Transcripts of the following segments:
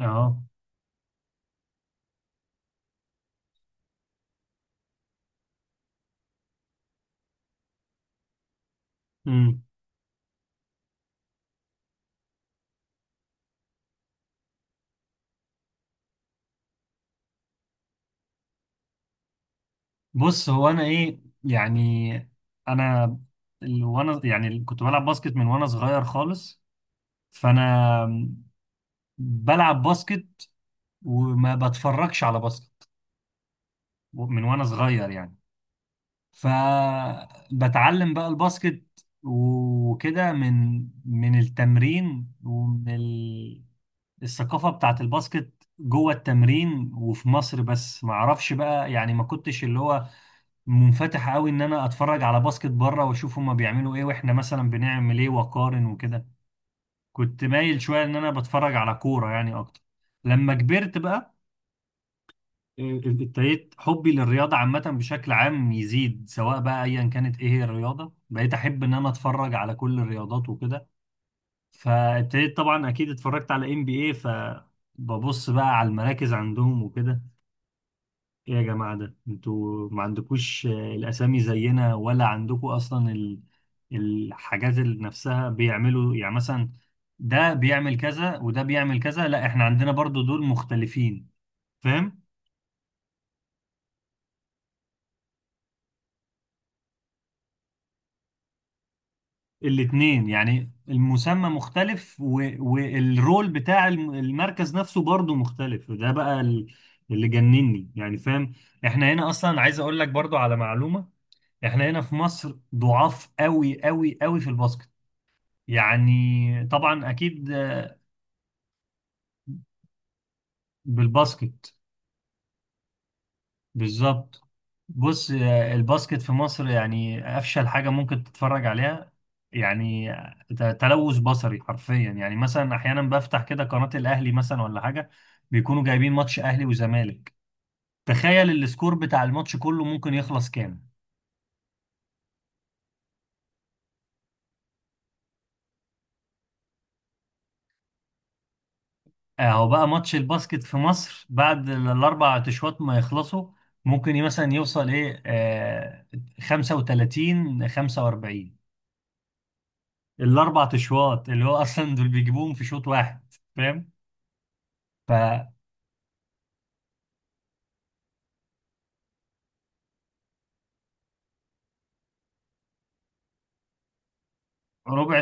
اه. امم بص، هو انا ايه يعني؟ انا وانا يعني كنت بلعب باسكت من وانا صغير خالص. فانا بلعب باسكت وما بتفرجش على باسكت من وانا صغير يعني. فبتعلم بقى الباسكت وكده من التمرين ومن الثقافة بتاعت الباسكت جوه التمرين. وفي مصر بس ما اعرفش بقى يعني، ما كنتش اللي هو منفتح قوي ان انا اتفرج على باسكت بره واشوف هما بيعملوا ايه واحنا مثلا بنعمل ايه واقارن وكده. كنت مايل شويه ان انا بتفرج على كوره يعني اكتر. لما كبرت بقى إيه، ابتديت حبي للرياضه عامه بشكل عام يزيد، سواء بقى ايا كانت ايه هي الرياضه، بقيت احب ان انا اتفرج على كل الرياضات وكده. فابتديت طبعا اكيد اتفرجت على ام بي اي، فببص بقى على المراكز عندهم وكده. ايه يا جماعة، ده انتوا ما عندكوش الاسامي زينا؟ ولا عندكوا اصلا الحاجات اللي نفسها بيعملوا؟ يعني مثلا ده بيعمل كذا وده بيعمل كذا، لا احنا عندنا برضو دول مختلفين. فاهم؟ الاتنين يعني، المسمى مختلف و... والرول بتاع المركز نفسه برضو مختلف، وده بقى اللي جنني يعني. فاهم؟ احنا هنا اصلا عايز اقول لك برضو على معلومة، احنا هنا في مصر ضعاف قوي قوي قوي في الباسكت. يعني طبعا اكيد. بالباسكت. بالظبط. بص، الباسكت في مصر يعني افشل حاجه ممكن تتفرج عليها. يعني تلوث بصري حرفيا. يعني مثلا احيانا بفتح كده قناه الاهلي مثلا ولا حاجه، بيكونوا جايبين ماتش اهلي وزمالك. تخيل السكور بتاع الماتش كله ممكن يخلص كام. اهو بقى، ماتش الباسكت في مصر بعد الاربع تشوات ما يخلصوا، ممكن مثلا يوصل ايه 35 45. الاربع اشواط اللي هو اصلا دول بيجيبوهم في شوط واحد. فاهم؟ فربع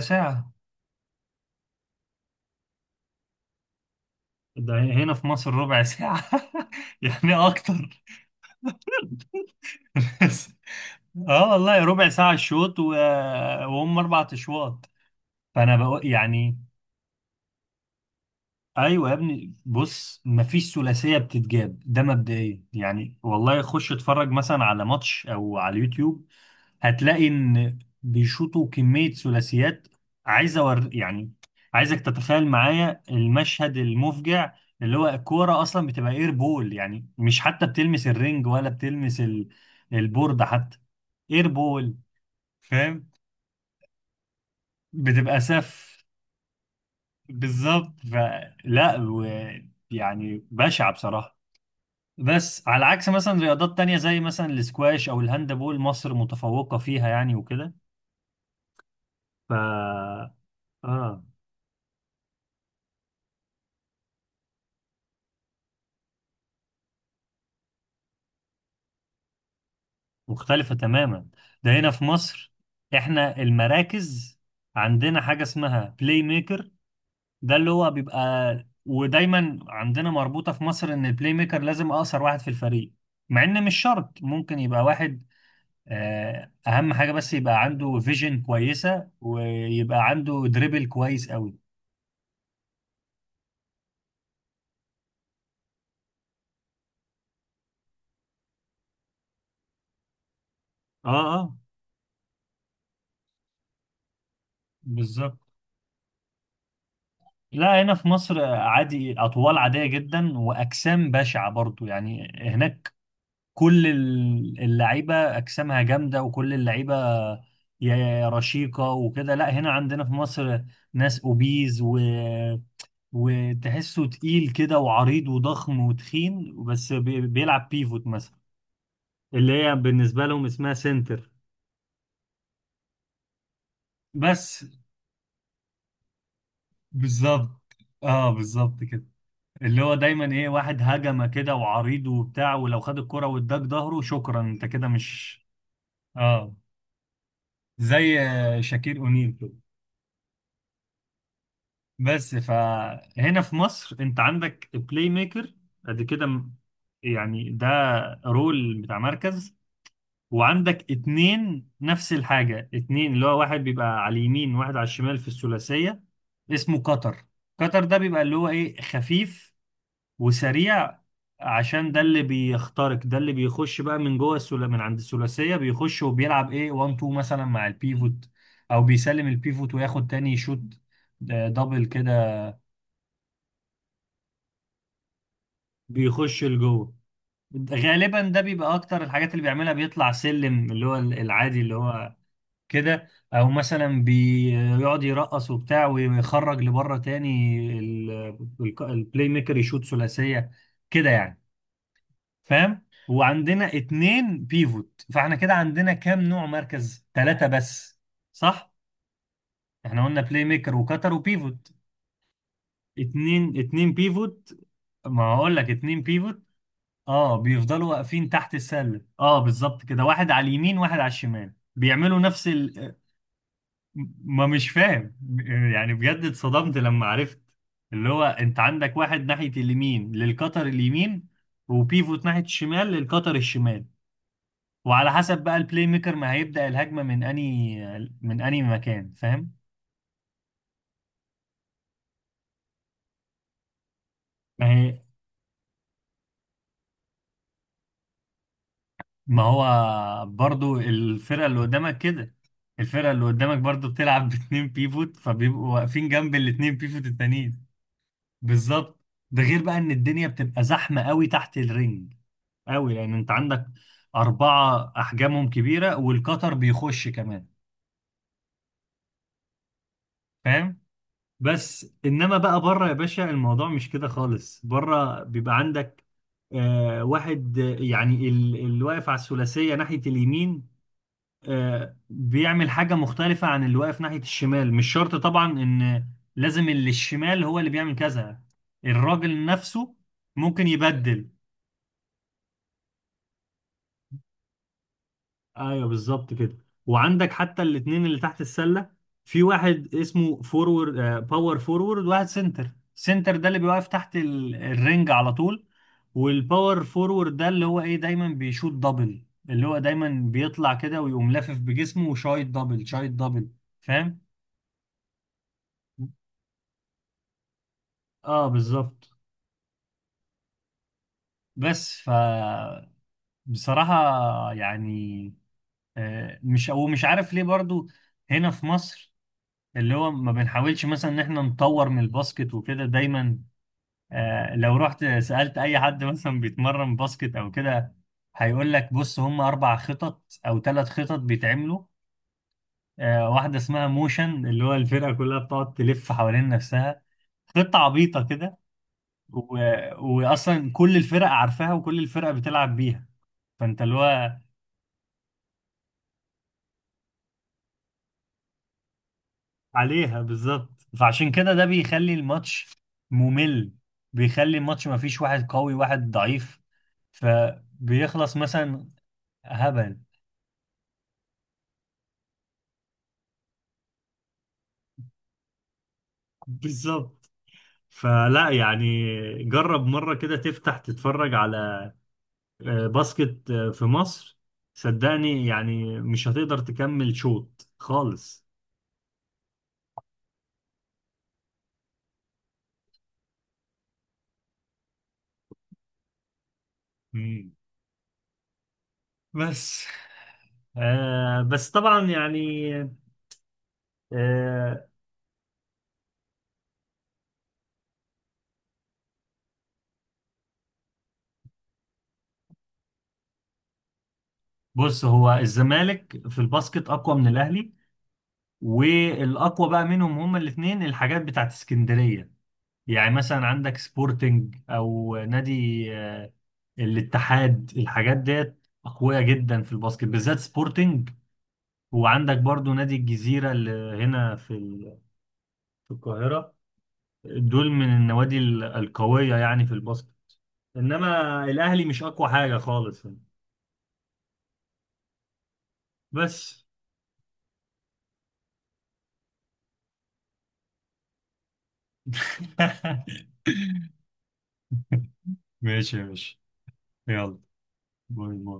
ساعه. ده هنا في مصر ربع ساعه يعني اكتر. بس- اه والله ربع ساعة الشوط و... وهم أربع أشواط. فأنا بقول يعني، أيوة يا ابني، بص مفيش ثلاثية بتتجاب، ده مبدئيا يعني. والله خش اتفرج مثلا على ماتش أو على اليوتيوب، هتلاقي ان بيشوطوا كمية ثلاثيات. عايز أور يعني، عايزك تتخيل معايا المشهد المفجع، اللي هو الكورة أصلا بتبقى اير بول، يعني مش حتى بتلمس الرنج ولا بتلمس البورد حتى. اير بول. فاهم؟ بتبقى سف. بالظبط. فلا و... يعني بشعة بصراحة. بس على عكس مثلا رياضات تانية زي مثلا الاسكواش أو الهاندبول، مصر متفوقة فيها يعني وكده. ف آه مختلفة تماما. ده هنا في مصر احنا المراكز عندنا حاجة اسمها بلاي ميكر. ده اللي هو بيبقى، ودايما عندنا مربوطة في مصر ان البلاي ميكر لازم اقصر واحد في الفريق، مع ان مش شرط، ممكن يبقى واحد اهم حاجة بس يبقى عنده فيجن كويسة ويبقى عنده دريبل كويس قوي. اه اه. بالظبط. لا هنا في مصر عادي، اطوال عادية جدا واجسام بشعة برضو. يعني هناك كل اللعيبه اجسامها جامده وكل اللعيبه يا رشيقه وكده. لا هنا عندنا في مصر ناس اوبيز و وتحسه تقيل كده وعريض وضخم وتخين، بس بيلعب بيفوت مثلا، اللي هي بالنسبه لهم اسمها سنتر. بس. بالظبط. اه بالظبط كده. اللي هو دايما ايه، واحد هجمه كده وعريض وبتاع، ولو خد الكرة واداك ظهره شكرا انت كده مش. اه زي شاكير اونيل كده. بس، فهنا في مصر انت عندك بلاي ميكر قد كده. يعني ده رول بتاع مركز. وعندك اتنين نفس الحاجة، اتنين اللي هو واحد بيبقى على اليمين وواحد على الشمال في الثلاثية، اسمه قطر. قطر ده بيبقى اللي هو ايه، خفيف وسريع، عشان ده اللي بيخترق، ده اللي بيخش بقى من جوه السلا من عند الثلاثية، بيخش وبيلعب ايه 1 2 مثلا مع البيفوت، او بيسلم البيفوت وياخد تاني شوت، دبل كده. بيخش لجوه. غالبا ده بيبقى اكتر الحاجات اللي بيعملها، بيطلع سلم اللي هو العادي اللي هو كده، او مثلا بيقعد يرقص وبتاع ويخرج لبره تاني البلاي ميكر يشوط ثلاثيه كده يعني. فاهم؟ وعندنا اتنين بيفوت. فاحنا كده عندنا كام نوع مركز؟ ثلاثة بس. صح. احنا قلنا بلاي ميكر وكتر وبيفوت، اتنين، اتنين بيفوت. ما هقول لك اتنين بيفوت. اه بيفضلوا واقفين تحت السلة، اه بالظبط كده، واحد على اليمين واحد على الشمال بيعملوا نفس ال... ما مش فاهم، يعني بجد اتصدمت لما عرفت، اللي هو انت عندك واحد ناحية اليمين للقطر اليمين، وبيفوت ناحية الشمال للقطر الشمال، وعلى حسب بقى البلاي ميكر ما هيبدأ الهجمة من اني مكان. فاهم؟ ما هي، ما هو برضو الفرقة اللي قدامك كده، الفرقة اللي قدامك برضو بتلعب باتنين بيفوت، فبيبقوا واقفين جنب الاتنين بيفوت التانيين. بالظبط. ده غير بقى ان الدنيا بتبقى زحمة قوي تحت الرنج، قوي لان انت عندك اربعة احجامهم كبيرة والقطر بيخش كمان. فاهم؟ بس انما بقى بره يا باشا، الموضوع مش كده خالص. بره بيبقى عندك واحد، يعني اللي واقف على الثلاثية ناحية اليمين بيعمل حاجة مختلفة عن اللي واقف ناحية الشمال. مش شرط طبعا ان لازم اللي الشمال هو اللي بيعمل كذا، الراجل نفسه ممكن يبدل. ايوه بالظبط كده. وعندك حتى الاتنين اللي تحت السلة، في واحد اسمه فورورد باور فورورد، واحد سنتر. سنتر ده اللي بيوقف تحت الرنج على طول، والباور فورورد ده اللي هو ايه، دايما بيشوط دبل، اللي هو دايما بيطلع كده ويقوم لافف بجسمه وشايط دبل شايط دبل. فاهم؟ اه بالظبط. بس ف، بصراحة يعني، مش او مش عارف ليه برضو هنا في مصر اللي هو ما بنحاولش مثلا ان احنا نطور من الباسكت وكده. دايما لو رحت سألت اي حد مثلا بيتمرن باسكت او كده، هيقول لك بص هم اربع خطط او ثلاث خطط بيتعملوا، واحدة اسمها موشن اللي هو الفرقة كلها بتقعد تلف حوالين نفسها، خطة عبيطة كده و... واصلا كل الفرق عارفاها وكل الفرق بتلعب بيها. فانت اللي هو عليها. بالظبط. فعشان كده ده بيخلي الماتش ممل، بيخلي الماتش ما فيش واحد قوي واحد ضعيف. فبيخلص مثلا هبل. بالظبط. فلا يعني، جرب مرة كده تفتح تتفرج على باسكت في مصر، صدقني يعني مش هتقدر تكمل شوط خالص. مم. بس بس طبعا يعني، آه بص، هو الزمالك في الباسكت أقوى من الأهلي، والاقوى بقى منهم هما الاثنين الحاجات بتاعت اسكندريه. يعني مثلا عندك سبورتنج او نادي آه، الاتحاد، الحاجات ديت اقوياء جدا في الباسكت بالذات سبورتنج. وعندك برضو نادي الجزيره اللي هنا في في القاهره، دول من النوادي القويه يعني في الباسكت. انما الاهلي مش اقوى حاجه خالص يعني. بس ماشي يا باشا. يلا. باي باي.